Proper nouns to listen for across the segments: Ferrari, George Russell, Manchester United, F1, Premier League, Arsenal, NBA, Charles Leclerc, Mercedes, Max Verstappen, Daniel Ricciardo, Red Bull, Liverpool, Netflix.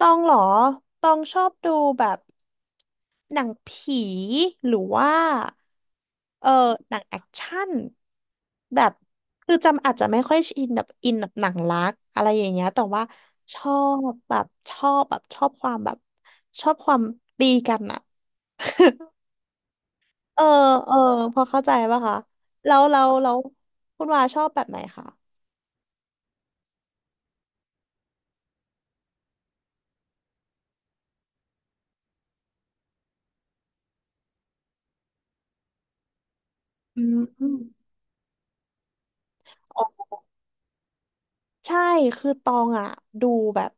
ตองเหรอตองชอบดูแบบหนังผีหรือว่าเออหนังแอคชั่นแบบคือจำอาจจะไม่ค่อยอินแบบอินแบบหนังรักอะไรอย่างเงี้ยแต่ว่าชอบแบบชอบแบบชอบความแบบชอบความตีกันอะ เออเออพอเข้าใจป่ะคะแล้วแล้วแล้วคุณวาชอบแบบไหนคะอืมอม ใช่คือตองอ่ะดูแบบ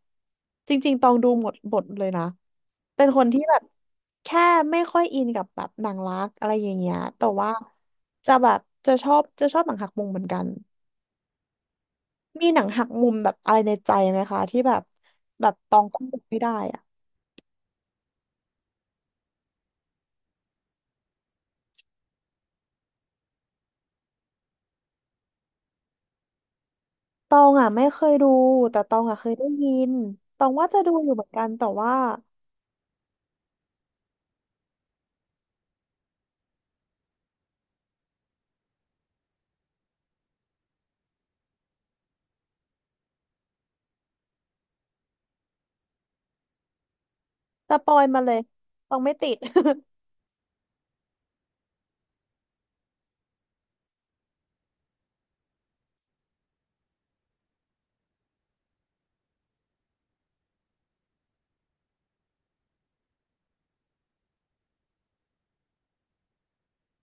จริงๆตองดูหมดบทเลยนะเป็นคนที่แบบแค่ไม่ค่อยอินกับแบบหนังรักอะไรอย่างเงี้ยแต่ว่าจะแบบจะชอบจะชอบหนังหักมุมเหมือนกันมีหนังหักมุมแบบอะไรในใจไหมคะที่แบบแบบตองต้องดูไม่ได้อะตองอ่ะไม่เคยดูแต่ตองอ่ะเคยได้ยินตองว่าจะดูอยู่เหมือนกันแต่ว่าสปอยมาเลยตองไม่ติด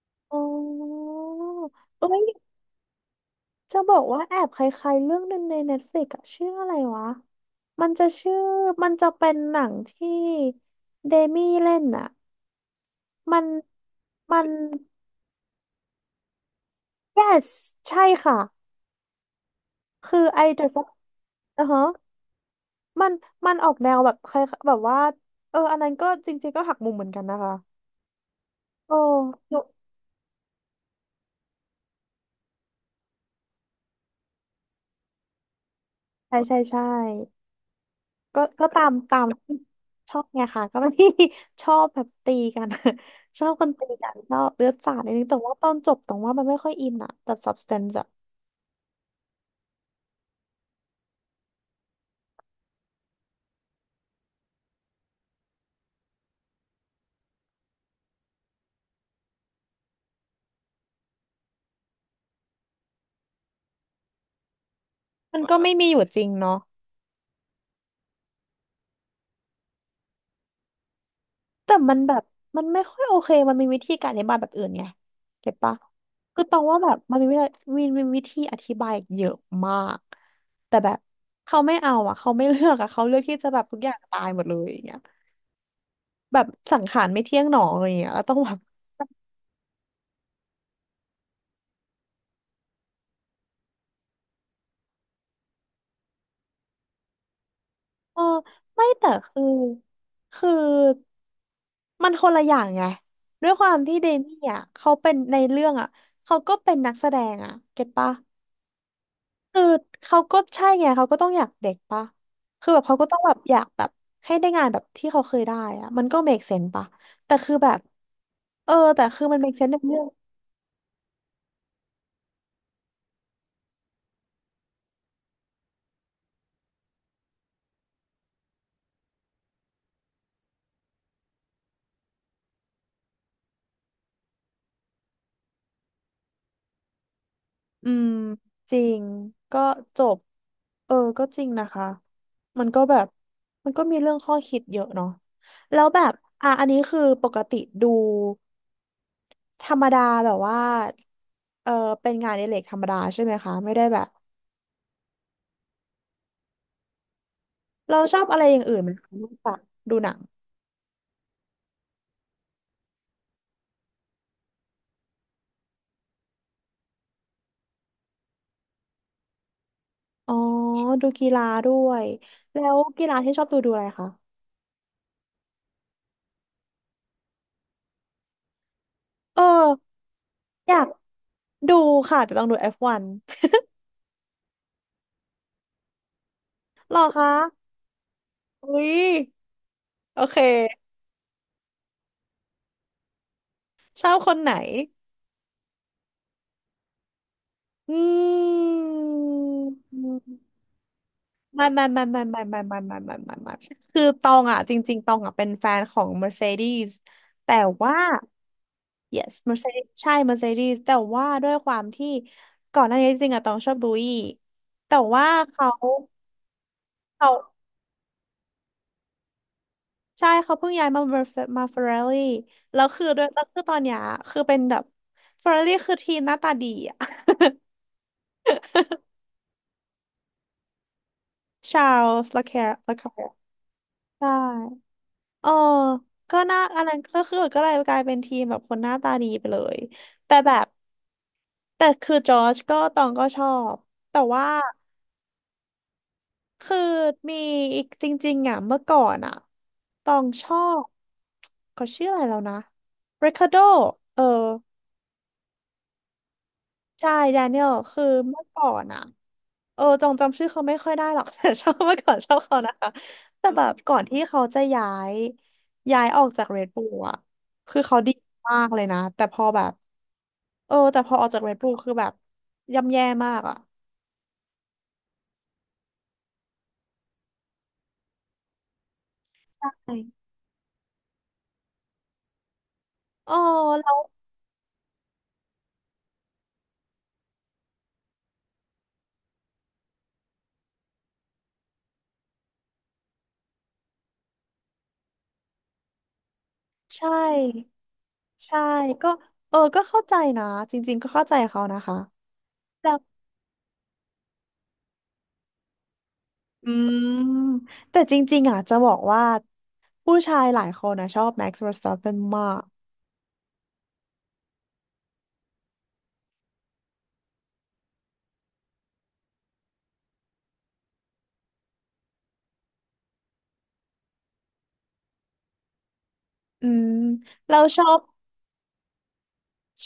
อ๋อเอ้ย จะบอกว่าแอบคล้ายๆเรื่องหนึ่งใน Netflix อะชื่ออะไรวะ มันจะชื่อ มันจะเป็นหนังที่เดมี่เล่นอะมัน มัน yes ใช่ค่ะ คือไอเดอะอ่ะฮะมัน มันออกแนวแบบคล้ายแบบว่า อันนั้นก็จริงๆก็หักมุมเหมือนกันนะคะ โอ้ ใช่ใช่ใช่ ก็ก็ตามตามที่ชอบไงค่ะก็เป็นที่ ชอบแบบตีกัน ชอบคนตีกันชอบเลือดสาดนิดนึงแต่ว่าตอนจบตรงว่ามันไม่ค่อยอินอะแต่ substance อะมันก็ไม่มีอยู่จริงเนาะแต่มันแบบมันไม่ค่อยโอเคมันมีวิธีการอธิบายแบบอื่นไงเก็ตปะคือตรงว่าแบบมันมีวิธีมีมีวิธีอธิบายเยอะมากแต่แบบเขาไม่เอาอะเขาไม่เลือกอะเขาเลือกที่จะแบบทุกอย่างตายหมดเลยอย่างเงี้ยแบบสังขารไม่เที่ยงหนออะไรอย่างเงี้ยแล้วต้องแบบ เออไม่แต่คือคือมันคนละอย่างไงด้วยความที่เดมี่อ่ะเขาเป็นในเรื่องอ่ะเขาก็เป็นนักแสดงอ่ะเก็ตปะคือเขาก็ใช่ไงเขาก็ต้องอยากเด็กปะคือแบบเขาก็ต้องแบบอยากแบบให้ได้งานแบบที่เขาเคยได้อ่ะมันก็ make sense ปะแต่คือแบบแต่คือมัน make sense ในเรื่อง อืมจริงก็จบเออก็จริงนะคะมันก็แบบมันก็มีเรื่องข้อคิดเยอะเนาะแล้วแบบอ่ะอันนี้คือปกติดูธรรมดาแบบว่าเออเป็นงานอดิเรกธรรมดาใช่ไหมคะไม่ได้แบบเราชอบอะไรอย่างอื่นไหมคะนอกจากดูหนังอ๋อดูกีฬาด้วยแล้วกีฬาที่ชอบดูดูอะไรคะเอออยากดูค่ะแต่ต้องดู F1 หรอคะอุ๊ยโอเคชอบคนไหน อืมไม่ไม่ไม่ไม่ไม่ไม่ไม่ไม่ไม่ไม่ไม่คือตองอ่ะจริงๆตองอ่ะเป็นแฟนของ Mercedes แต่ว่า yes Mercedes ใช่ Mercedes แต่ว่าด้วยความที่ก่อนหน้านี้จริงๆอ่ะตองชอบลุยแต่ว่าเขาเขาใช่เขาเพิ่งย้ายมา Merce- มาเฟอร์ราี่แล้วคือด้วยแล้วคือตอนเนี้ยคือเป็นแบบเฟอร์ราี่คือทีมหน้าตาดีอ่ะ ชาร์ลส์ l ล c ค r ร์ลาค r ร์ใช่ เออก็น่าอันนั้นก็คือก็เลยกลายเป็นทีมแบบคนหน้าตาดีไปเลย แต่แบบแต่คือจอร์จก็ตองก็ชอบ แต่ว่าคือมีอีกจริงๆอ่ะเมื่อก่อนอ่ะตองชอบเขาชื่ออะไรแล้วนะริคาร์โดเออ ใช่แดเนียลคือเมื่อก่อนอะจงจำชื่อเขาไม่ค่อยได้หรอก แต่ชอบเมื่อก่อนชอบเขานะคะแต่แบบก่อนที่เขาจะย้ายย้ายออกจากเรดบู l อะคือเขาดีมากเลยนะแต่พอแบบแต่พอออกจากเรดบู l คือแบบย่ำแย่มากอะอ๋อแล้วใช่ใช่ก็ก็เข้าใจนะจริงๆก็เข้าใจเขานะคะ อืมแต่จริงๆอ่ะจะบอกว่าผู้ชายหลายคนนะชอบแม็กซ์เวอร์สตัปเปนมากอืมเราชอบ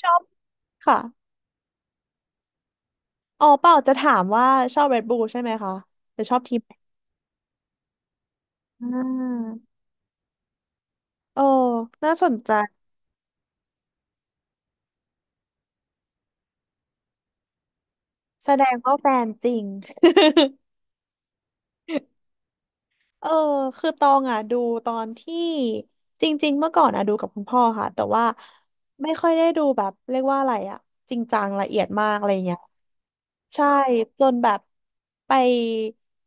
ชอบค่ะอ๋อเปล่าจะถามว่าชอบ Red Bull ใช่ไหมคะหรือชอบทีมไหนอ่าโอ้น่าสนใจแสดงว่าแฟนจริง เออคือตองอ่ะดูตอนที่จริงๆเมื่อก่อนอ่ะดูกับคุณพ่อค่ะแต่ว่าไม่ค่อยได้ดูแบบเรียกว่าอะไรอ่ะจริงจังละเอียดมากอะไรเงี้ย ใช่จนแบบไป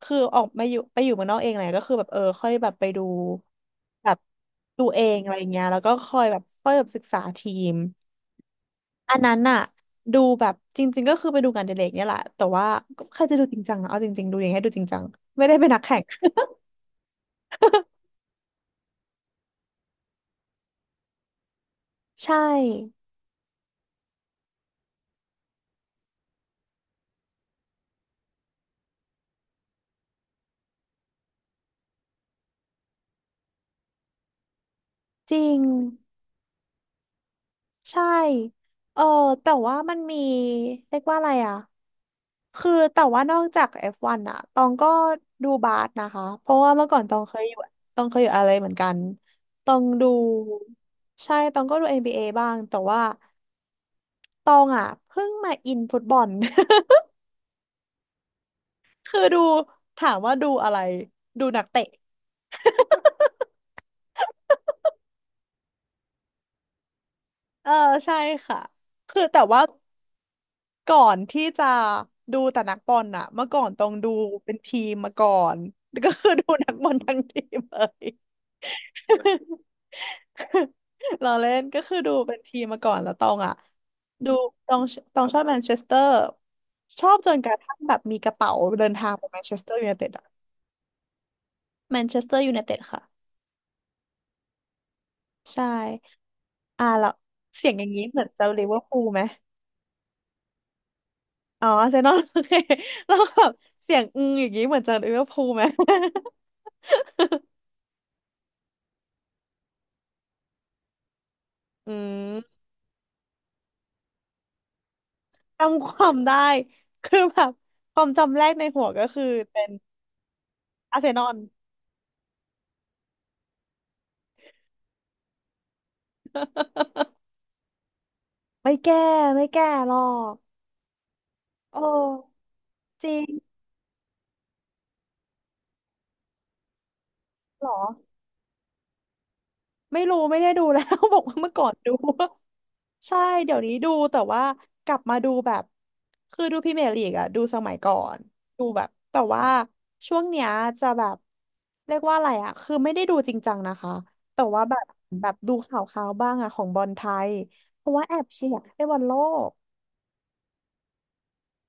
คือออกมาอยู่ไปอยู่เมืองนอกเองอะไรก็คือแบบค่อยแบบไปดูแบบดูเองอะไรเงี้ยแล้วก็ค่อยแบบค่อยแบบศึกษาทีมอันนั้นน่ะดูแบบจริงๆก็คือไปดูงานอดิเรกเนี่ยแหละแต่ว่าก็ใครจะดูจริงจังนะเอาจริงๆดูอย่างให้ดูจริงจังไม่ได้เป็นนักแข่ง ใช่จริงใช่เออแต่ว่ามันมีเรียกว่าอะไรอ่ะ คือแต่ว่านอกจาก F1 อฟวันอะตองก็ดูบาสนะคะ เพราะว่าเมื่อก่อนตองเคยอยู่ตองเคยอยู่อะไรเหมือนกันตองดูใช่ตองก็ดู NBA บเอบ้างแต่ว่าตองอะเพิ่งมาอินฟุตบอล คือดูถามว่าดูอะไรดูนักเตะเออใช่ค่ะคือแต่ว่า ก่อนที่จะดูแต่นักบอลอะเมื่อก่อนต้องดูเป็นทีมมาก่อนก็คือดูนักบอลทั้งทีมเลย เราเล่นก็คือดูเป็นทีมมาก่อนแล้วตองอะดูตองชอบแมนเชสเตอร์ชอบจนกระทั่งแบบมีกระเป๋าเดินทางไปแมนเชสเตอร์ยูไนเต็ดอะแมนเชสเตอร์ยูไนเต็ดค่ะใช่อ่าแล้วเสียงอย่างนี้เหมือนจะลิเวอร์พูลไหมอ๋ออาร์เซนอลโอเค แล้วแบบเสียงอืออย่างนี้เหมือนจะลิเวอร์พูลไหม อืมจำความได้ คือแบบความจำแรกในหัวก็คือเป็นอาร์เซนอล ไม่แก้ไม่แก้หรอกโอ้จริงเหรอ ไม่รู้ไม่ได้ดูแล้ว บอกว่าเมื่อก่อนดูใช่เดี๋ยวนี้ดูแต่ว่ากลับมาดูแบบคือดูพรีเมียร์ลีกอะดูสมัยก่อนดูแบบแต่ว่าช่วงเนี้ยจะแบบเรียกว่าอะไรอะคือไม่ได้ดูจริงจังนะคะแต่ว่าแบบแบบดูข่าวข่าวบ้างอะของบอลไทยเพราะว่าแอบเชียร์ให้บอลโลก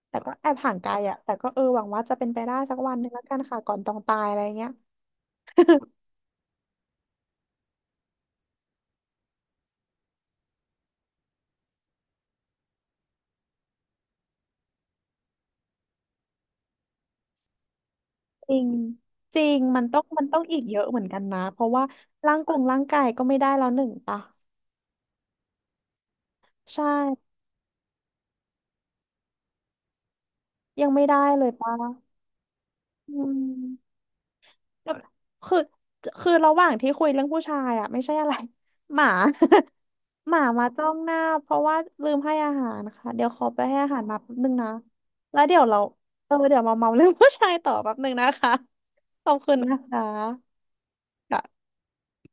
แต่ก็แอบห่างไกลอะแต่ก็เออหวังว่าจะเป็นไปได้สักวันหนึ่งแล้วกันค่ะก่อนต้องตายอะไรเงี้ย จริงจริงมันต้องอีกเยอะเหมือนกันนะเพราะว่าร่างกงร่างกายก็ไม่ได้แล้วหนึ่งปะใช่ยังไม่ได้เลยปะอืมแบบคือระหว่างที่คุยเรื่องผู้ชายอ่ะไม่ใช่อะไรหมา หมามาจ้องหน้าเพราะว่าลืมให้อาหารนะคะเดี๋ยวขอไปให้อาหารหมาแป๊บนึงนะแล้วเดี๋ยวเราเออเดี๋ยวมาเมาเรื่อง ผู้ชายต่อแป๊บนึงนะคะขอบคุณนะคะ